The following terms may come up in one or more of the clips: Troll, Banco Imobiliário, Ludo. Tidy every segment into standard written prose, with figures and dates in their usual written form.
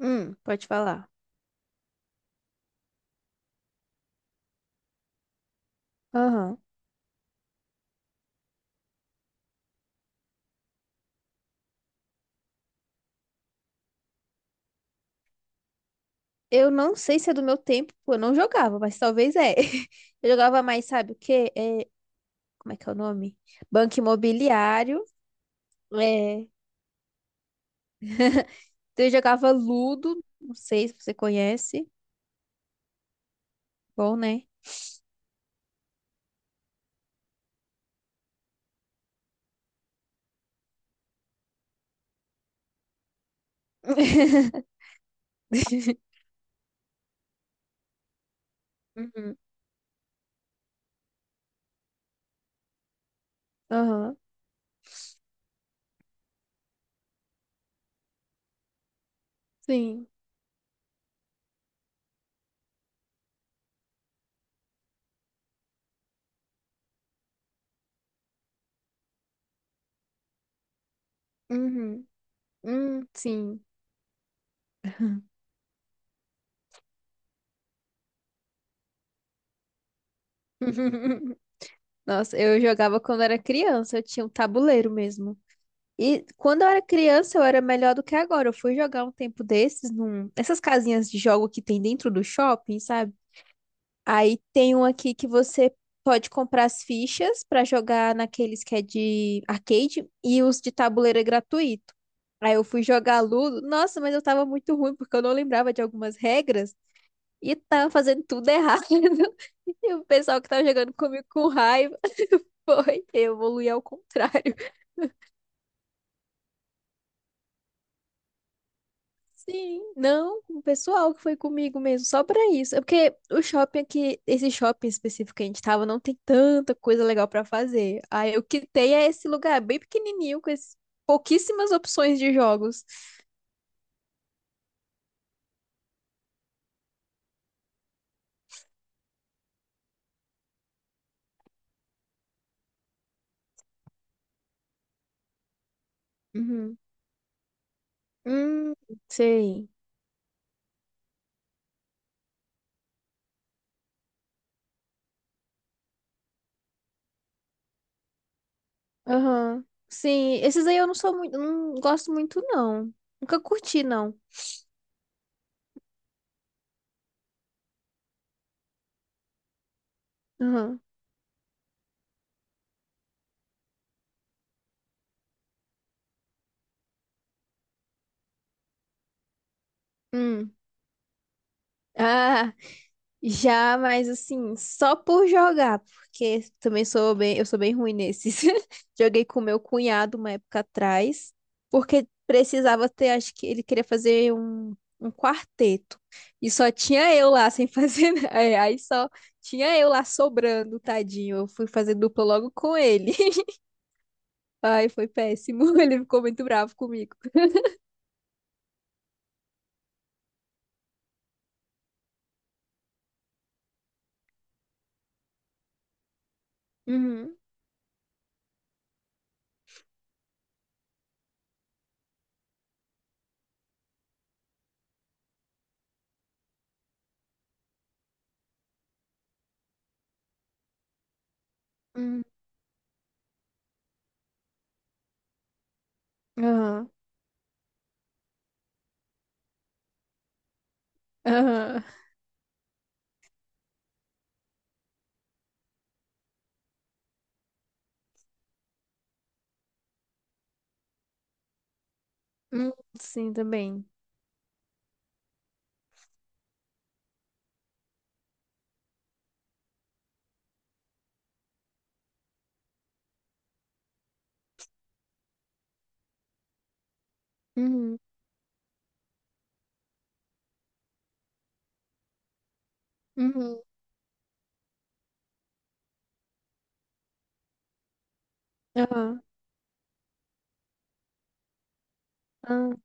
Pode falar. Aham. Eu não sei se é do meu tempo, pô, eu não jogava, mas talvez é. Eu jogava mais, sabe o quê? Como é que é o nome? Banco Imobiliário. É, então eu jogava Ludo, não sei se você conhece. Bom, né? Uhum. Aham. Sim. Uhum. Hum. Sim. Nossa, eu jogava quando era criança, eu tinha um tabuleiro mesmo. E quando eu era criança, eu era melhor do que agora. Eu fui jogar um tempo desses nessas casinhas de jogo que tem dentro do shopping, sabe? Aí tem um aqui que você pode comprar as fichas pra jogar naqueles que é de arcade e os de tabuleiro é gratuito. Aí eu fui jogar Ludo. Nossa, mas eu tava muito ruim porque eu não lembrava de algumas regras e tava fazendo tudo errado. E o pessoal que tava jogando comigo com raiva foi, eu evoluí ao contrário. Sim, não, com o pessoal que foi comigo mesmo, só pra isso. É porque o shopping aqui, esse shopping específico que a gente tava, não tem tanta coisa legal pra fazer. Aí eu quitei a esse lugar bem pequenininho, com pouquíssimas opções de jogos. Uhum. Hum, Sei. Aham. Sim, esses aí eu não sou muito, não gosto muito, não. Nunca curti, não. Aham. Hum. Ah, já, mas assim, só por jogar, porque também eu sou bem ruim nesses. Joguei com meu cunhado uma época atrás, porque precisava ter, acho que ele queria fazer um quarteto. E só tinha eu lá sem fazer, Aí só tinha eu lá sobrando, tadinho. Eu fui fazer dupla logo com ele. Ai, foi péssimo. Ele ficou muito bravo comigo. Uhum. Uhum. Aham. Aham. Uhum. Sim, também. Uhum. Uhum. Aham. Aham.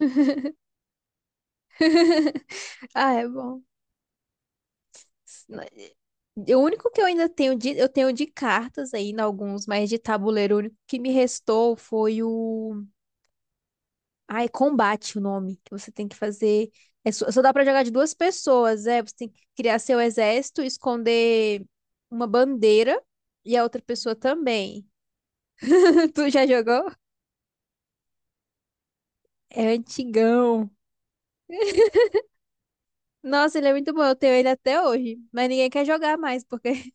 Ah, é bom. O único que eu tenho de cartas ainda alguns, mas de tabuleiro, o único que me restou foi o. Ah, é combate o nome, que você tem que fazer. É, só dá pra jogar de duas pessoas, é. Você tem que criar seu exército, esconder uma bandeira e a outra pessoa também. Tu já jogou? É antigão. Nossa, ele é muito bom, eu tenho ele até hoje, mas ninguém quer jogar mais porque.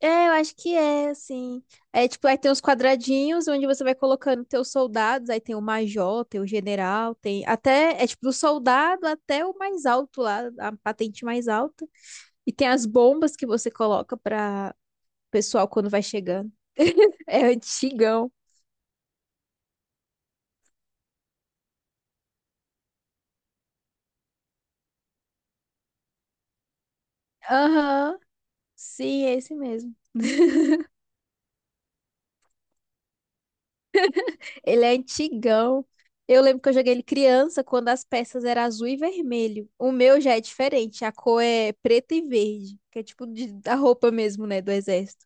É, eu acho que é, assim. É tipo, aí tem os quadradinhos onde você vai colocando teus soldados, aí tem o major, tem o general, tem até, é tipo do soldado até o mais alto lá, a patente mais alta. E tem as bombas que você coloca pra pessoal quando vai chegando. É antigão. Aham, sim, é esse mesmo. Ele é antigão. Eu lembro que eu joguei ele criança, quando as peças eram azul e vermelho. O meu já é diferente, a cor é preta e verde, que é tipo da roupa mesmo, né, do exército.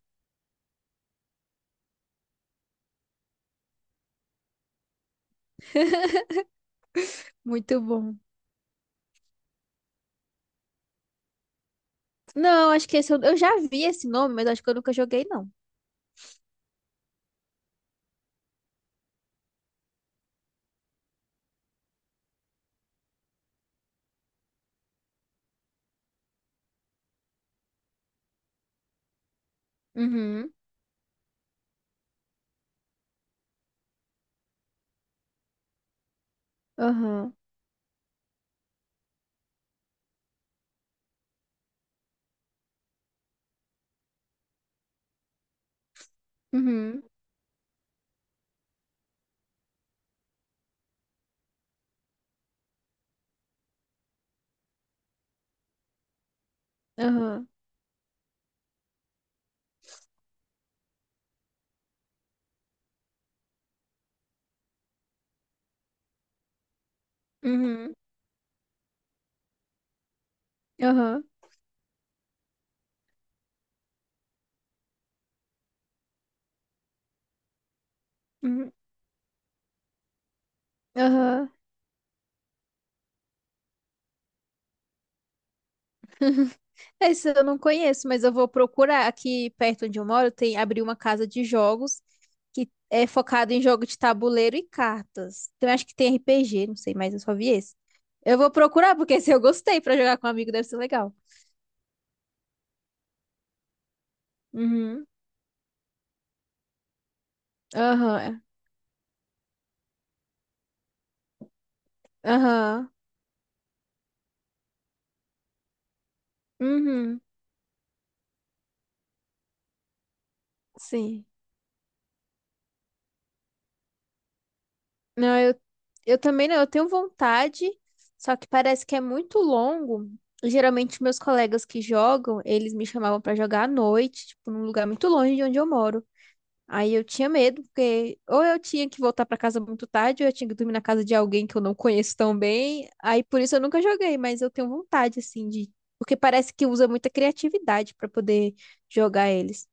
Muito bom. Não, acho que esse eu já vi esse nome, mas acho que eu nunca joguei, não. Uhum, aham, uhum, aham, uhum, aham, uhum, aham. Esse eu não conheço, mas eu vou procurar. Aqui perto onde eu moro, tem abriu uma casa de jogos que é focada em jogo de tabuleiro e cartas. Então, eu acho que tem RPG, não sei, mas eu só vi esse. Eu vou procurar, porque se eu gostei pra jogar com um amigo, deve ser legal. Uhum. Aham. É. Aham. Uhum. Sim. Não, eu também não. Eu tenho vontade, só que parece que é muito longo. Geralmente, meus colegas que jogam, eles me chamavam pra jogar à noite, tipo, num lugar muito longe de onde eu moro. Aí eu tinha medo, porque ou eu tinha que voltar pra casa muito tarde, ou eu tinha que dormir na casa de alguém que eu não conheço tão bem. Aí por isso eu nunca joguei, mas eu tenho vontade, assim, de. Porque parece que usa muita criatividade pra poder jogar eles.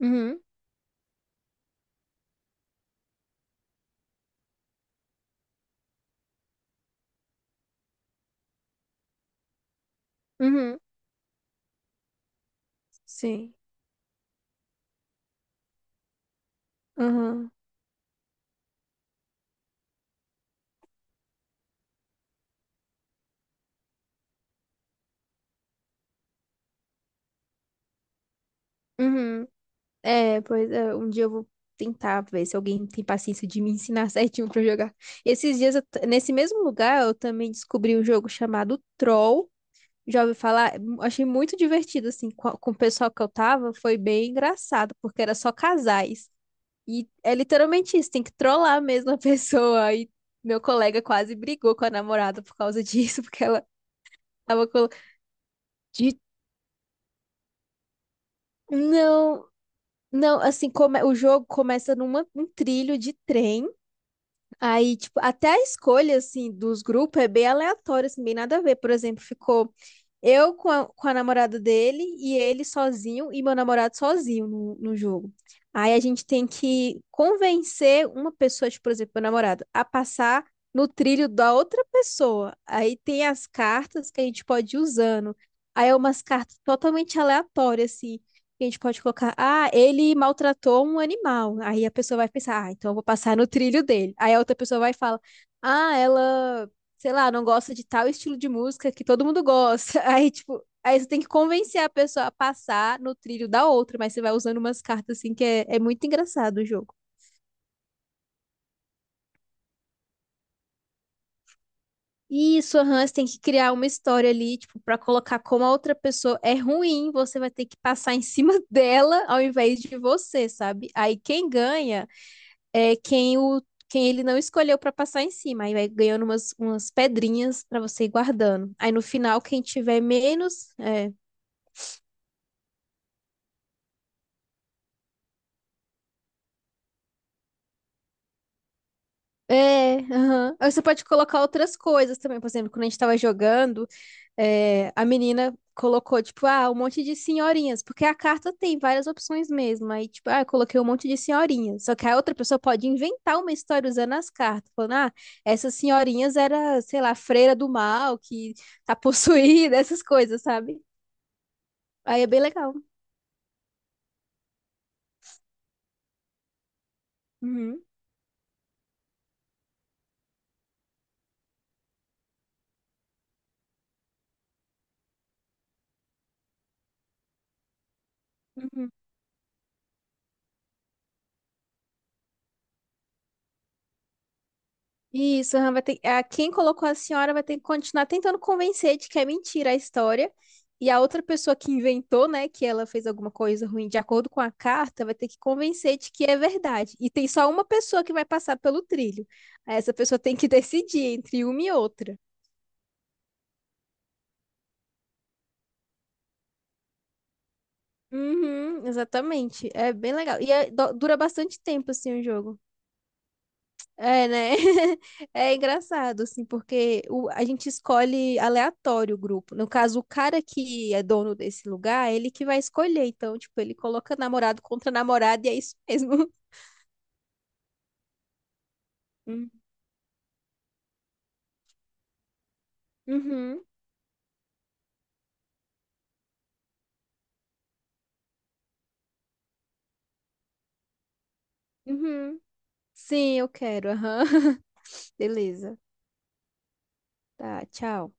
Uhum, uhum. Sim. Aham. Uhum. É, pois é, um dia eu vou tentar ver se alguém tem paciência de me ensinar certinho pra jogar. Esses dias, nesse mesmo lugar, eu também descobri um jogo chamado Troll. Já ouvi falar, achei muito divertido, assim, com o pessoal que eu tava, foi bem engraçado, porque era só casais. E é literalmente isso, tem que trollar mesmo a pessoa. E meu colega quase brigou com a namorada por causa disso. Porque ela tava com... de- Não, não, assim, o jogo começa num trilho de trem. Aí, tipo, até a escolha, assim, dos grupos é bem aleatória, assim, bem nada a ver. Por exemplo, ficou eu com a namorada dele e ele sozinho e meu namorado sozinho no jogo. Aí a gente tem que convencer uma pessoa, tipo, por exemplo, meu namorado, a passar no trilho da outra pessoa. Aí tem as cartas que a gente pode ir usando. Aí é umas cartas totalmente aleatórias, assim. A gente pode colocar, ah, ele maltratou um animal. Aí a pessoa vai pensar, ah, então eu vou passar no trilho dele. Aí a outra pessoa vai e fala, ah, ela, sei lá, não gosta de tal estilo de música que todo mundo gosta. Aí, tipo, aí você tem que convencer a pessoa a passar no trilho da outra, mas você vai usando umas cartas assim que é muito engraçado o jogo. Isso, aham, você tem que criar uma história ali, tipo, pra colocar como a outra pessoa é ruim, você vai ter que passar em cima dela ao invés de você, sabe? Aí quem ganha é quem ele não escolheu para passar em cima. Aí vai ganhando umas pedrinhas para você ir guardando. Aí no final, quem tiver menos, é. É, aham. Aí você pode colocar outras coisas também. Por exemplo, quando a gente tava jogando, a menina colocou, tipo, ah, um monte de senhorinhas, porque a carta tem várias opções mesmo. Aí, tipo, ah, eu coloquei um monte de senhorinhas. Só que a outra pessoa pode inventar uma história usando as cartas, falando, ah, essas senhorinhas era, sei lá, freira do mal, que tá possuída, essas coisas, sabe? Aí é bem legal. Uhum, uhum. Isso, aham, quem colocou a senhora vai ter que continuar tentando convencer de que é mentira a história. E a outra pessoa que inventou, né, que ela fez alguma coisa ruim de acordo com a carta, vai ter que convencer de que é verdade. E tem só uma pessoa que vai passar pelo trilho. Aí essa pessoa tem que decidir entre uma e outra. Uhum, exatamente. É bem legal. E é- do- dura bastante tempo, assim, o jogo. É, né? É engraçado, assim, porque a gente escolhe aleatório o grupo. No caso, o cara que é dono desse lugar, ele que vai escolher. Então, tipo, ele coloca namorado contra namorada e é isso mesmo. Hum. Uhum, uhum. Sim, eu quero. Aham. Beleza. Tá, tchau.